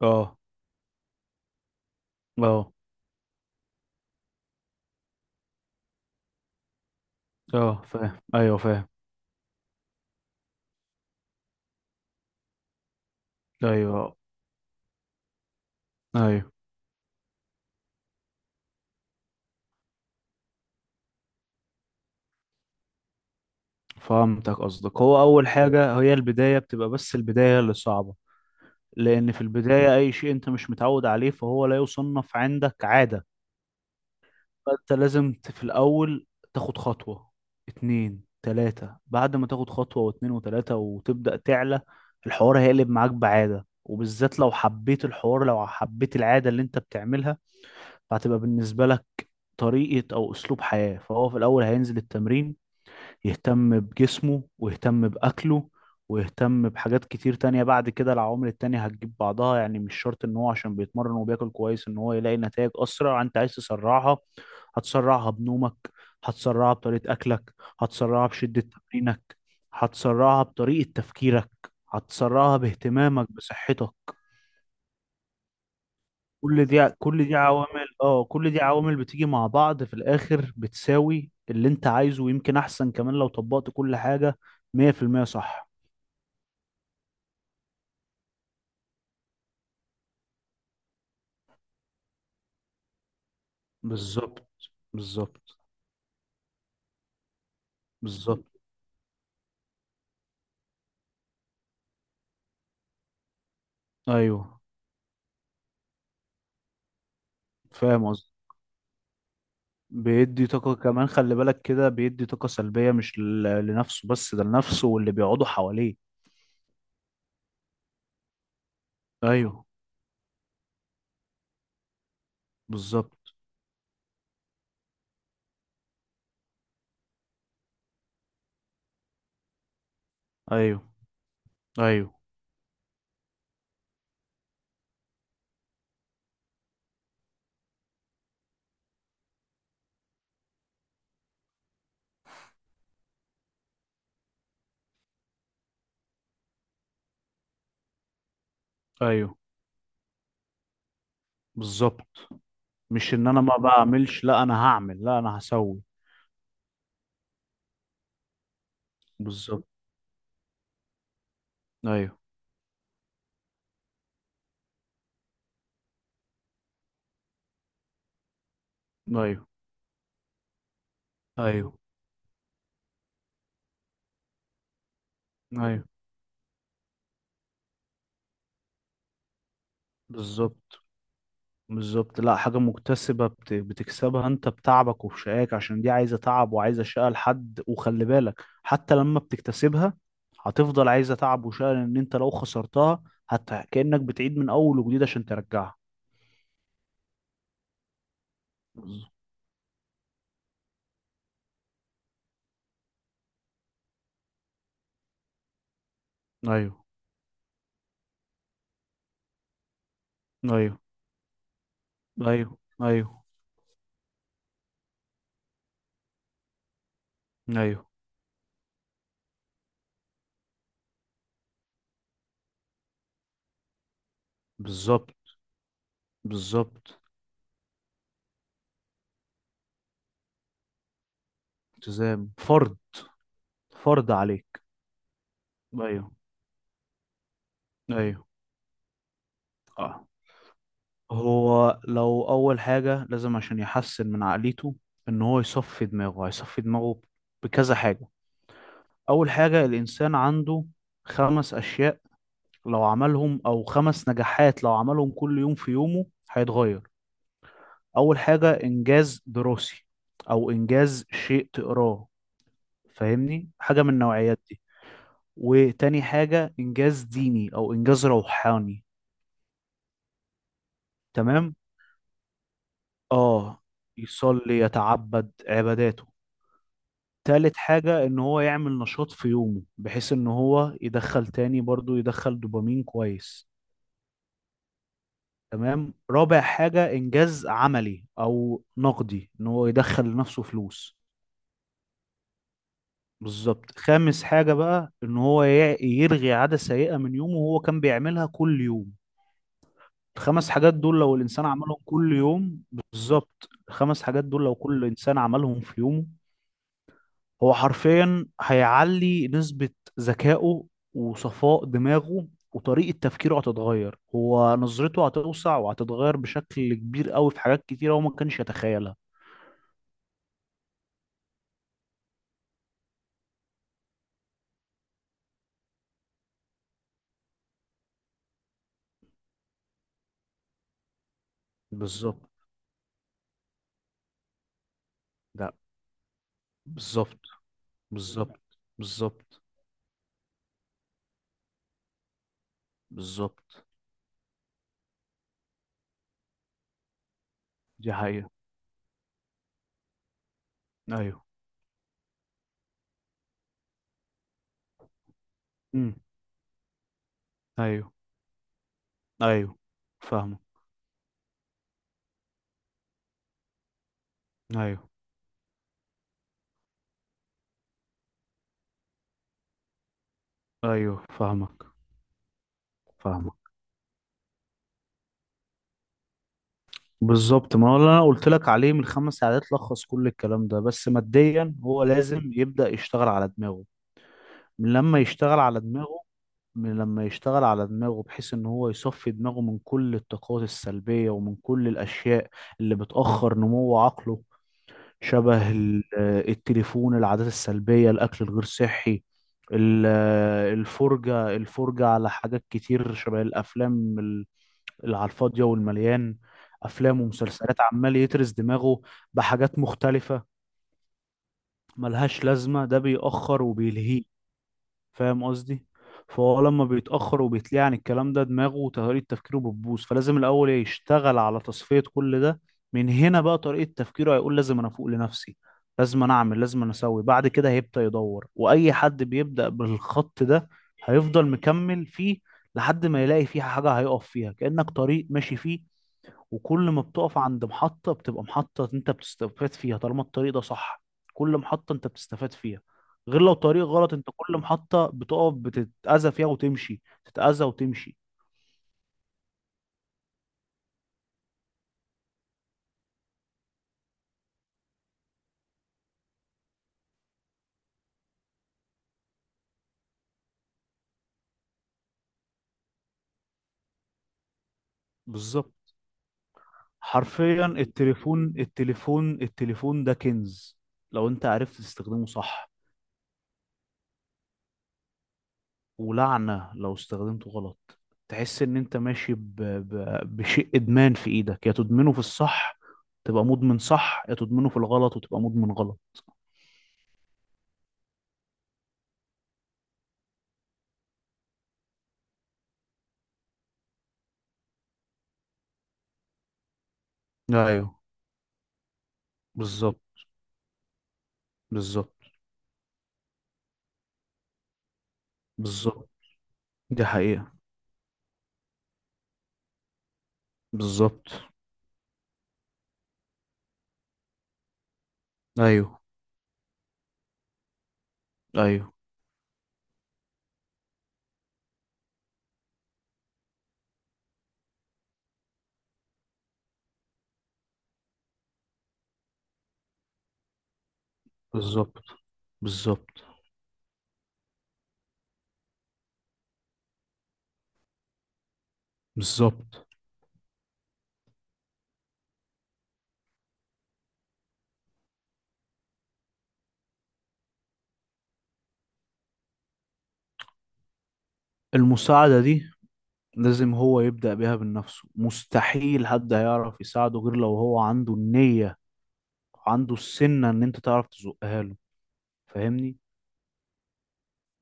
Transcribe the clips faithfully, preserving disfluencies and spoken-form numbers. اه، اه، اه، فاهم، ايوه فاهم، ايوه، ايوه. فهمتك قصدك. هو اول حاجه هي البدايه، بتبقى بس البدايه اللي صعبه، لان في البدايه اي شيء انت مش متعود عليه فهو لا يصنف عندك عاده. فانت لازم ت- في الاول تاخد خطوه، اتنين، تلاته. بعد ما تاخد خطوه واتنين وتلاته وتبدا تعلى، الحوار هيقلب معاك بعاده، وبالذات لو حبيت الحوار، لو حبيت العاده اللي انت بتعملها، فهتبقى بالنسبة لك طريقة أو أسلوب حياة. فهو في الأول هينزل التمرين، يهتم بجسمه ويهتم بأكله ويهتم بحاجات كتير تانية. بعد كده العوامل التانية هتجيب بعضها. يعني مش شرط إن هو عشان بيتمرن وبياكل كويس إن هو يلاقي نتائج أسرع. أنت عايز تسرعها؟ هتسرعها بنومك، هتسرعها بطريقة أكلك، هتسرعها بشدة تمرينك، هتسرعها بطريقة تفكيرك، هتسرعها باهتمامك بصحتك. كل دي كل دي عوامل، اه كل دي عوامل بتيجي مع بعض في الاخر بتساوي اللي انت عايزه، ويمكن احسن كمان لو طبقت كل حاجة. مية في المية صح. بالظبط، بالظبط، بالظبط. ايوه فاهم قصدي. بيدي طاقة كمان، خلي بالك كده بيدي طاقة سلبية، مش ل- لنفسه بس، ده لنفسه واللي بيقعدوا حواليه. ايوه، بالظبط، ايوه، ايوه، ايوه، بالظبط. مش ان انا ما بعملش، لا انا هعمل، لا انا هسوي. بالظبط، ايوه، ايوه، ايوه، ايوه، بالظبط، بالظبط. لا، حاجة مكتسبة بت... بتكسبها انت بتعبك وبشقاك، عشان دي عايزة تعب وعايزة شقة لحد. وخلي بالك حتى لما بتكتسبها هتفضل عايزة تعب وشقة، لان انت لو خسرتها حتى كأنك بتعيد من اول وجديد عشان ترجعها. بالظبط. ايوه، ايوه، ايوه، ايوه، ايوه، بالظبط، بالظبط، التزام فرض، فرض عليك. ايوه، ايوه. اه، هو لو أول حاجة لازم عشان يحسن من عقليته إن هو يصفي دماغه. هيصفي دماغه بكذا حاجة. أول حاجة الإنسان عنده خمس أشياء لو عملهم، أو خمس نجاحات لو عملهم كل يوم في يومه هيتغير. أول حاجة إنجاز دراسي، أو إنجاز شيء تقراه، فاهمني حاجة من النوعيات دي. وتاني حاجة إنجاز ديني أو إنجاز روحاني، تمام، آه، يصلي يتعبد عباداته. تالت حاجة إن هو يعمل نشاط في يومه بحيث إن هو يدخل تاني برضو يدخل دوبامين كويس. تمام، رابع حاجة إنجاز عملي أو نقدي، إن هو يدخل لنفسه فلوس. بالظبط. خامس حاجة بقى إن هو ي- يلغي عادة سيئة من يومه وهو كان بيعملها كل يوم. الخمس حاجات دول لو الإنسان عملهم كل يوم بالظبط، الخمس حاجات دول لو كل إنسان عملهم في يومه، هو حرفيا هيعلي نسبة ذكائه وصفاء دماغه، وطريقة تفكيره هتتغير، هو نظرته هتوسع وهتتغير بشكل كبير قوي في حاجات كتيرة هو ما كانش يتخيلها. بالظبط، ده بالظبط، بالظبط، بالظبط، بالظبط، دي حقيقة. ايوه، امم، ايوه، ايوه، فاهمك، ايوه، ايوه، فاهمك، فاهمك. بالظبط، ما هو اللي انا قلت لك عليه من خمس ساعات لخص كل الكلام ده. بس ماديا، هو لازم يبدأ يشتغل على دماغه. من لما يشتغل على دماغه من لما يشتغل على دماغه بحيث ان هو يصفي دماغه من كل الطاقات السلبية ومن كل الاشياء اللي بتأخر نمو عقله. شبه ال- آه، التليفون، العادات السلبية، الاكل الغير صحي، ال- آه، الفرجة، الفرجة على حاجات كتير شبه الافلام، ال- اللي على الفاضية والمليان. افلام ومسلسلات عمال يترس دماغه بحاجات مختلفة ملهاش لازمة. ده بيأخر وبيلهيه، فاهم قصدي. فهو لما بيتأخر وبيتليه عن الكلام ده، دماغه وطريقة تفكيره بتبوظ. فلازم الأول إيه، يشتغل على تصفية كل ده. من هنا بقى طريقة تفكيره هيقول لازم أنا أفوق لنفسي، لازم أنا أعمل، لازم أنا أسوي. بعد كده هيبدأ يدور، وأي حد بيبدأ بالخط ده هيفضل مكمل فيه لحد ما يلاقي فيه حاجة هيقف فيها. كأنك طريق ماشي فيه، وكل ما بتقف عند محطة بتبقى محطة انت بتستفاد فيها، طالما الطريق ده صح كل محطة انت بتستفاد فيها. غير لو طريق غلط، انت كل محطة بتقف بتتأذى فيها وتمشي، تتأذى وتمشي. بالظبط، حرفيا، التليفون، التليفون، التليفون ده كنز لو انت عرفت تستخدمه صح، ولعنة لو استخدمته غلط. تحس ان انت ماشي ب... ب... بشيء ادمان في ايدك، يا تدمنه في الصح تبقى مدمن صح، يا تدمنه في الغلط وتبقى مدمن غلط. ايوه، بالظبط، بالظبط، بالظبط، دي حقيقة، بالظبط، ايوه، ايوه، بالظبط، بالظبط، بالظبط. المساعدة دي لازم هو يبدأ بيها من نفسه. مستحيل حد هيعرف يساعده غير لو هو عنده النية، وعنده السنة ان انت تعرف تزقها له، فاهمني.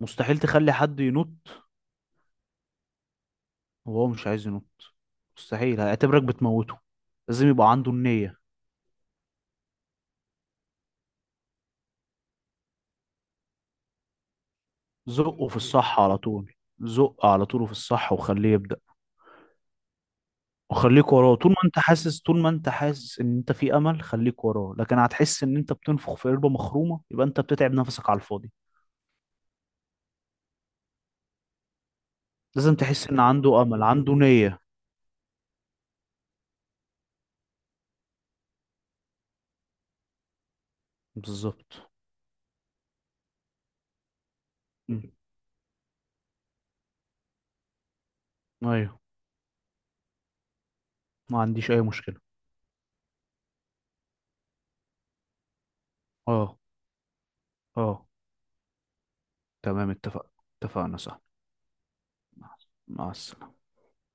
مستحيل تخلي حد ينط وهو مش عايز ينط، مستحيل، هيعتبرك بتموته. لازم يبقى عنده النية. زقه في الصح على طول، زق على طول في الصح وخليه يبدأ. خليك وراه طول ما انت حاسس، طول ما انت حاسس ان انت في امل خليك وراه. لكن هتحس ان انت بتنفخ في قربة مخرومة، يبقى انت بتتعب نفسك على الفاضي. لازم تحس ان عنده امل، عنده نية. بالظبط. م. ايوه، ما عنديش اي مشكلة. اه، اه، تمام، اتفق. اتفقنا صح. مع مع السلامة.